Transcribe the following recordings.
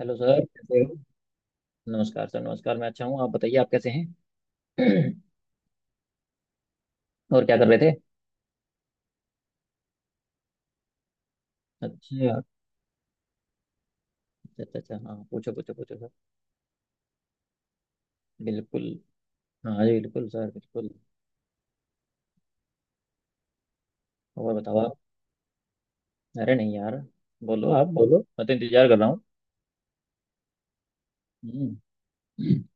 Hello sir, कैसे हो? नमस्कार सर, नमस्कार। मैं अच्छा हूँ। आप बताइए, आप कैसे हैं? और क्या कर रहे थे? अच्छा, अच्छा, अच्छा। अच्छा, हाँ, पूछो, पूछो, पूछो सर। बिल्कुल। हाँ जी, बिल्कुल सर, बिल्कुल। और बताओ आप। अरे नहीं यार। बोलो आप, बोलो, मैं तो इंतजार कर रहा हूँ। हम्म।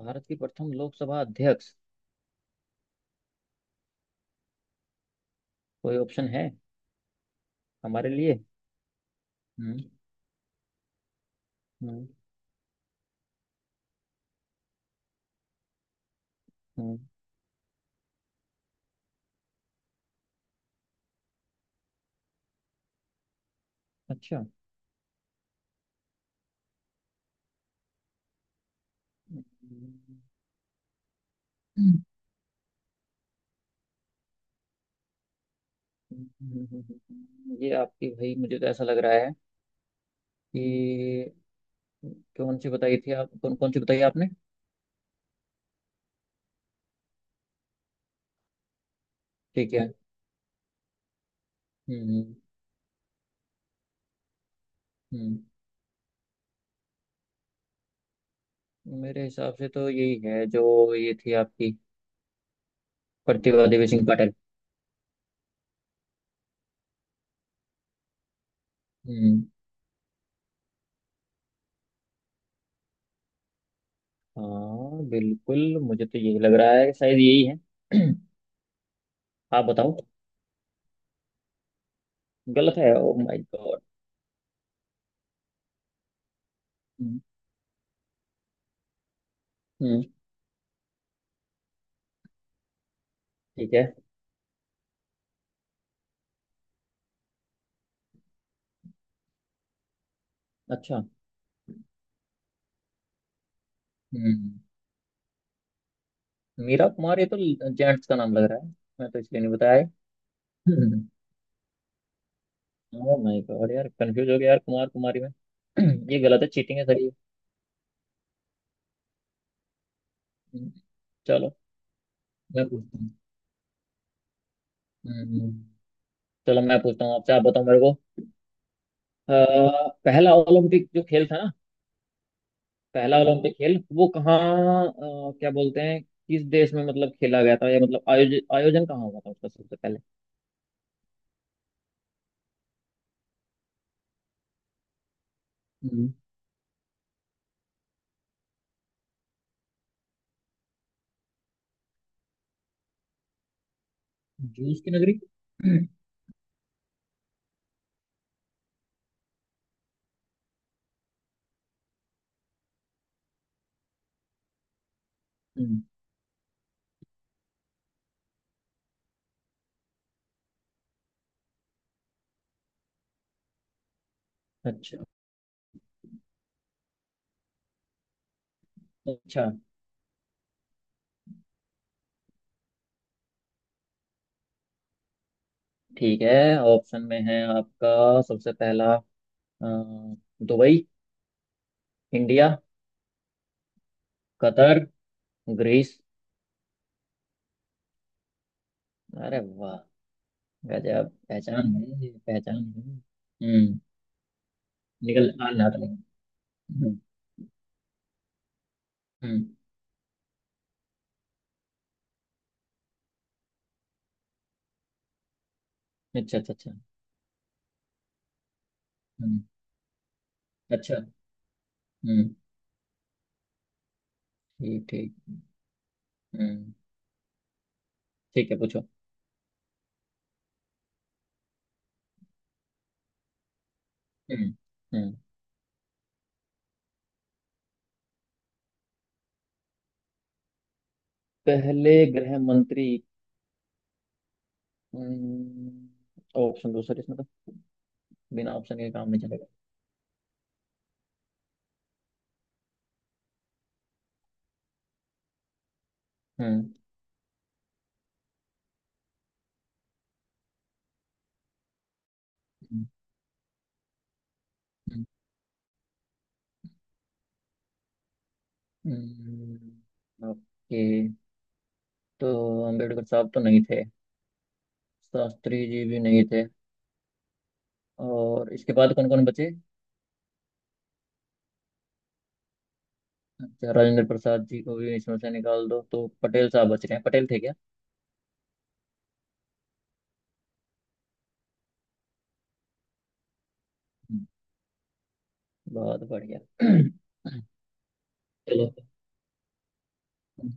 भारत की प्रथम लोकसभा अध्यक्ष। कोई ऑप्शन है हमारे लिए? हम्म। हम्म। हम्म। अच्छा। हम्म। हम्म। हम्म। हम्म। हम्म। ये आपकी, भाई मुझे तो ऐसा लग रहा है कि कौन सी बताई थी आप, कौन कौन सी बताई आपने? ठीक है। हम्म। हम्म। मेरे हिसाब से तो यही है, जो ये थी आपकी, प्रतिभा देवी सिंह पाटिल। हम्म। हाँ बिल्कुल, मुझे तो यही लग रहा है कि शायद यही है। आप बताओ। गलत है? Oh my god. हम्म। हम्म। ठीक है। अच्छा। हम्म। मीरा कुमार, ये तो जेंट्स का नाम लग रहा है, मैं तो इसलिए नहीं बताया। हम्म। ओ माय गॉड यार, कंफ्यूज हो गया यार, कुमार कुमारी में। ये गलत है, चीटिंग है सर ये। हम्म। चलो मैं पूछता हूँ। हम्म। चलो मैं पूछता हूँ आपसे, आप बताओ मेरे को। अ, पहला ओलंपिक जो खेल था ना, पहला ओलंपिक खेल वो कहाँ, क्या बोलते हैं, किस देश में मतलब खेला गया था, या मतलब आयोजन आयोजन कहाँ हुआ था उसका सबसे पहले? हम्म। जूस की नगरी? हम्म। अच्छा, अच्छा। ठीक है, ऑप्शन में है आपका सबसे पहला, अ, दुबई, इंडिया, कतर, ग्रीस। अरे वाह! गजब पहचान है ये, पहचान है। हम्म। निकल आ रहा था लेकिन। हम्म। हम्म। अच्छा, अच्छा, अच्छा। हम्म। अच्छा। हम्म। ठीक, ठीक। हम्म। ठीक है, पूछो। हम्म। हम्म। पहले गृह मंत्री। हम्म। ऑप्शन दो सर इसमें तो, बिना ऑप्शन के काम नहीं चलेगा। हम्म। हम्म। हम्म। ओके। तो अंबेडकर साहब तो नहीं थे, शास्त्री जी भी नहीं थे, और इसके बाद कौन कौन बचे? अच्छा, राजेंद्र प्रसाद जी को भी इसमें से निकाल दो तो पटेल साहब बच रहे हैं, पटेल थे क्या? हम्म। बहुत बढ़िया। चलो। हम्म।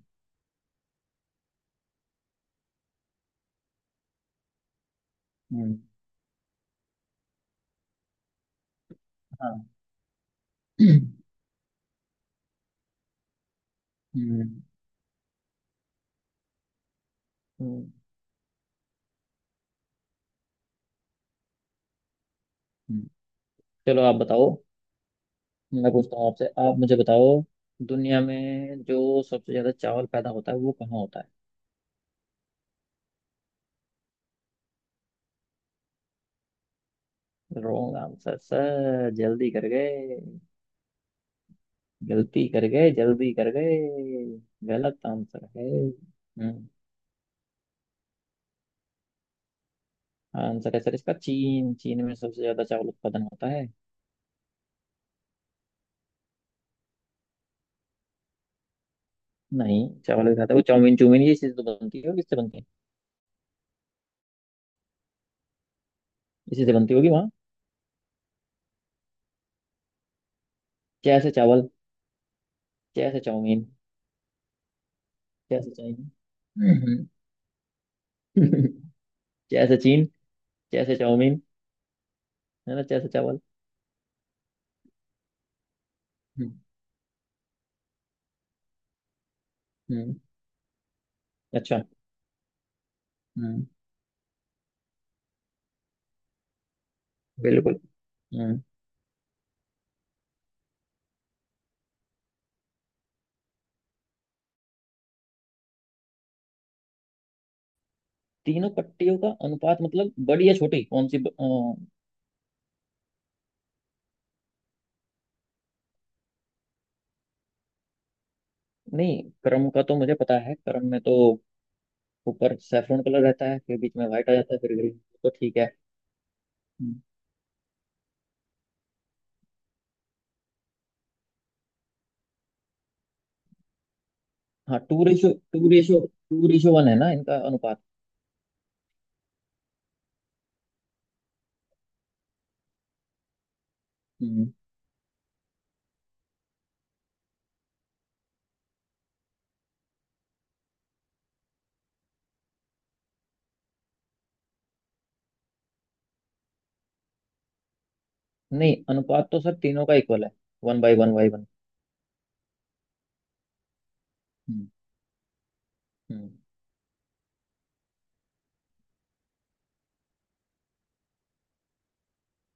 हम्म। हाँ। हम्म। हम्म। हम्म। चलो आप बताओ। मैं पूछता हूँ आपसे, आप मुझे बताओ, दुनिया में जो सबसे ज्यादा चावल पैदा होता है वो कहाँ होता है? रॉन्ग आंसर सर, जल्दी कर गए। गलती कर गए, जल्दी कर गए। गलत आंसर है। हम्म। आंसर है सर इसका, चीन। चीन में सबसे ज्यादा चावल उत्पादन होता है। नहीं, चावल भी खाता है वो। चाउमीन, चूमीन ये चीज तो बनती है, और किससे बनती है? इसी से बनती होगी वहाँ। जैसे चावल, जैसे चाउमीन, जैसे चाइनीज। जैसे चीन, जैसे चाउमीन, है ना, जैसे चावल। हम्म। हम्म। अच्छा। हम्म। बिल्कुल। हम्म। तीनों पट्टियों का अनुपात मतलब बड़ी या छोटी, कौन सी नहीं, क्रम का तो मुझे पता है, क्रम में तो ऊपर सैफरन कलर रहता है, फिर बीच में व्हाइट आ जाता है, फिर ग्रीन। तो ठीक है। हम्म। हाँ, टू रेशो वन है ना इनका अनुपात। हम्म। नहीं, अनुपात तो सर तीनों का इक्वल है, one by one by one. हम्म। हम्म।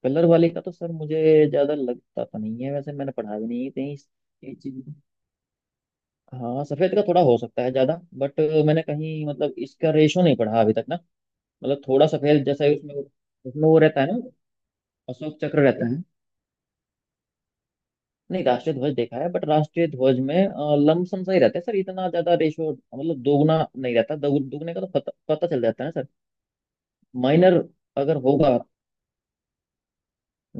कलर वाले का तो सर मुझे ज्यादा लगता तो नहीं है, वैसे मैंने पढ़ा भी नहीं है कहीं इस ये चीज को। हाँ, सफेद का थोड़ा हो सकता है ज्यादा, बट मैंने कहीं मतलब इसका रेशो नहीं पढ़ा अभी तक ना। मतलब थोड़ा सफेद जैसा उसमें उसमें वो रहता है ना, अशोक चक्र रहता है। नहीं, राष्ट्रीय ध्वज देखा है, बट राष्ट्रीय ध्वज में लमसम सा ही रहता है सर, इतना ज्यादा रेशो मतलब दोगुना नहीं रहता, दुगने का तो पता पता चल जाता है ना सर। माइनर अगर होगा।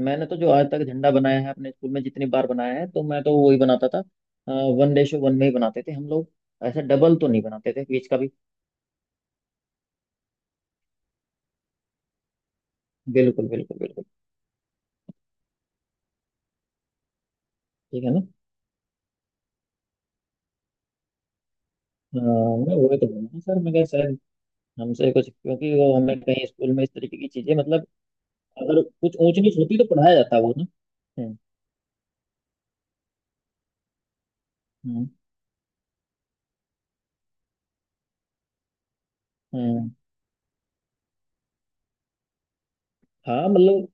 मैंने तो जो आज तक झंडा बनाया है अपने स्कूल में, जितनी बार बनाया है तो मैं तो वही बनाता था। वन रेशो वन में ही बनाते थे हम लोग, ऐसा डबल तो नहीं बनाते थे बीच का भी। बिल्कुल, बिल्कुल, बिल्कुल। ठीक है ना। हाँ, मैं वही तो बोल रहा हूँ सर, मैं कहा शायद हमसे कुछ, क्योंकि वो हमें कहीं स्कूल में इस तरीके की चीजें मतलब, अगर कुछ ऊंच नीच होती तो पढ़ाया जाता वो ना। हम्म। हम्म। हम्म। हाँ मतलब,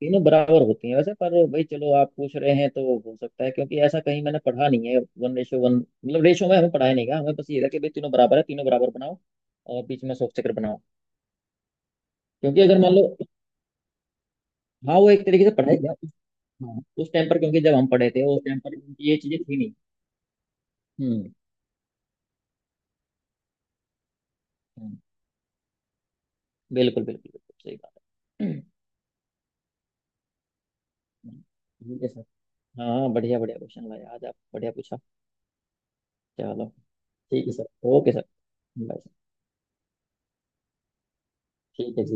तीनों बराबर होती हैं वैसे, पर भाई चलो आप पूछ रहे हैं तो हो सकता है, क्योंकि ऐसा कहीं मैंने पढ़ा नहीं है, वन रेशो वन मतलब रेशो में हमें पढ़ाया नहीं गया, हमें बस ये था कि भाई तीनों बराबर है, तीनों बराबर बनाओ और बीच में अशोक चक्र बनाओ। क्योंकि अगर मान लो, हाँ, वो एक तरीके से पढ़ाया गया हाँ उस टाइम पर, क्योंकि जब हम पढ़े थे उस टाइम पर ये चीजें थी नहीं। हम्म। हम्म, बिल्कुल, बिल्कुल, बिल्कुल सही बात है। हम्म। ठीक है सर। हाँ, बढ़िया, बढ़िया क्वेश्चन लाया आज, आप बढ़िया पूछा। चलो, ठीक है sir. Okay sir, bye sir. ठीक है जी।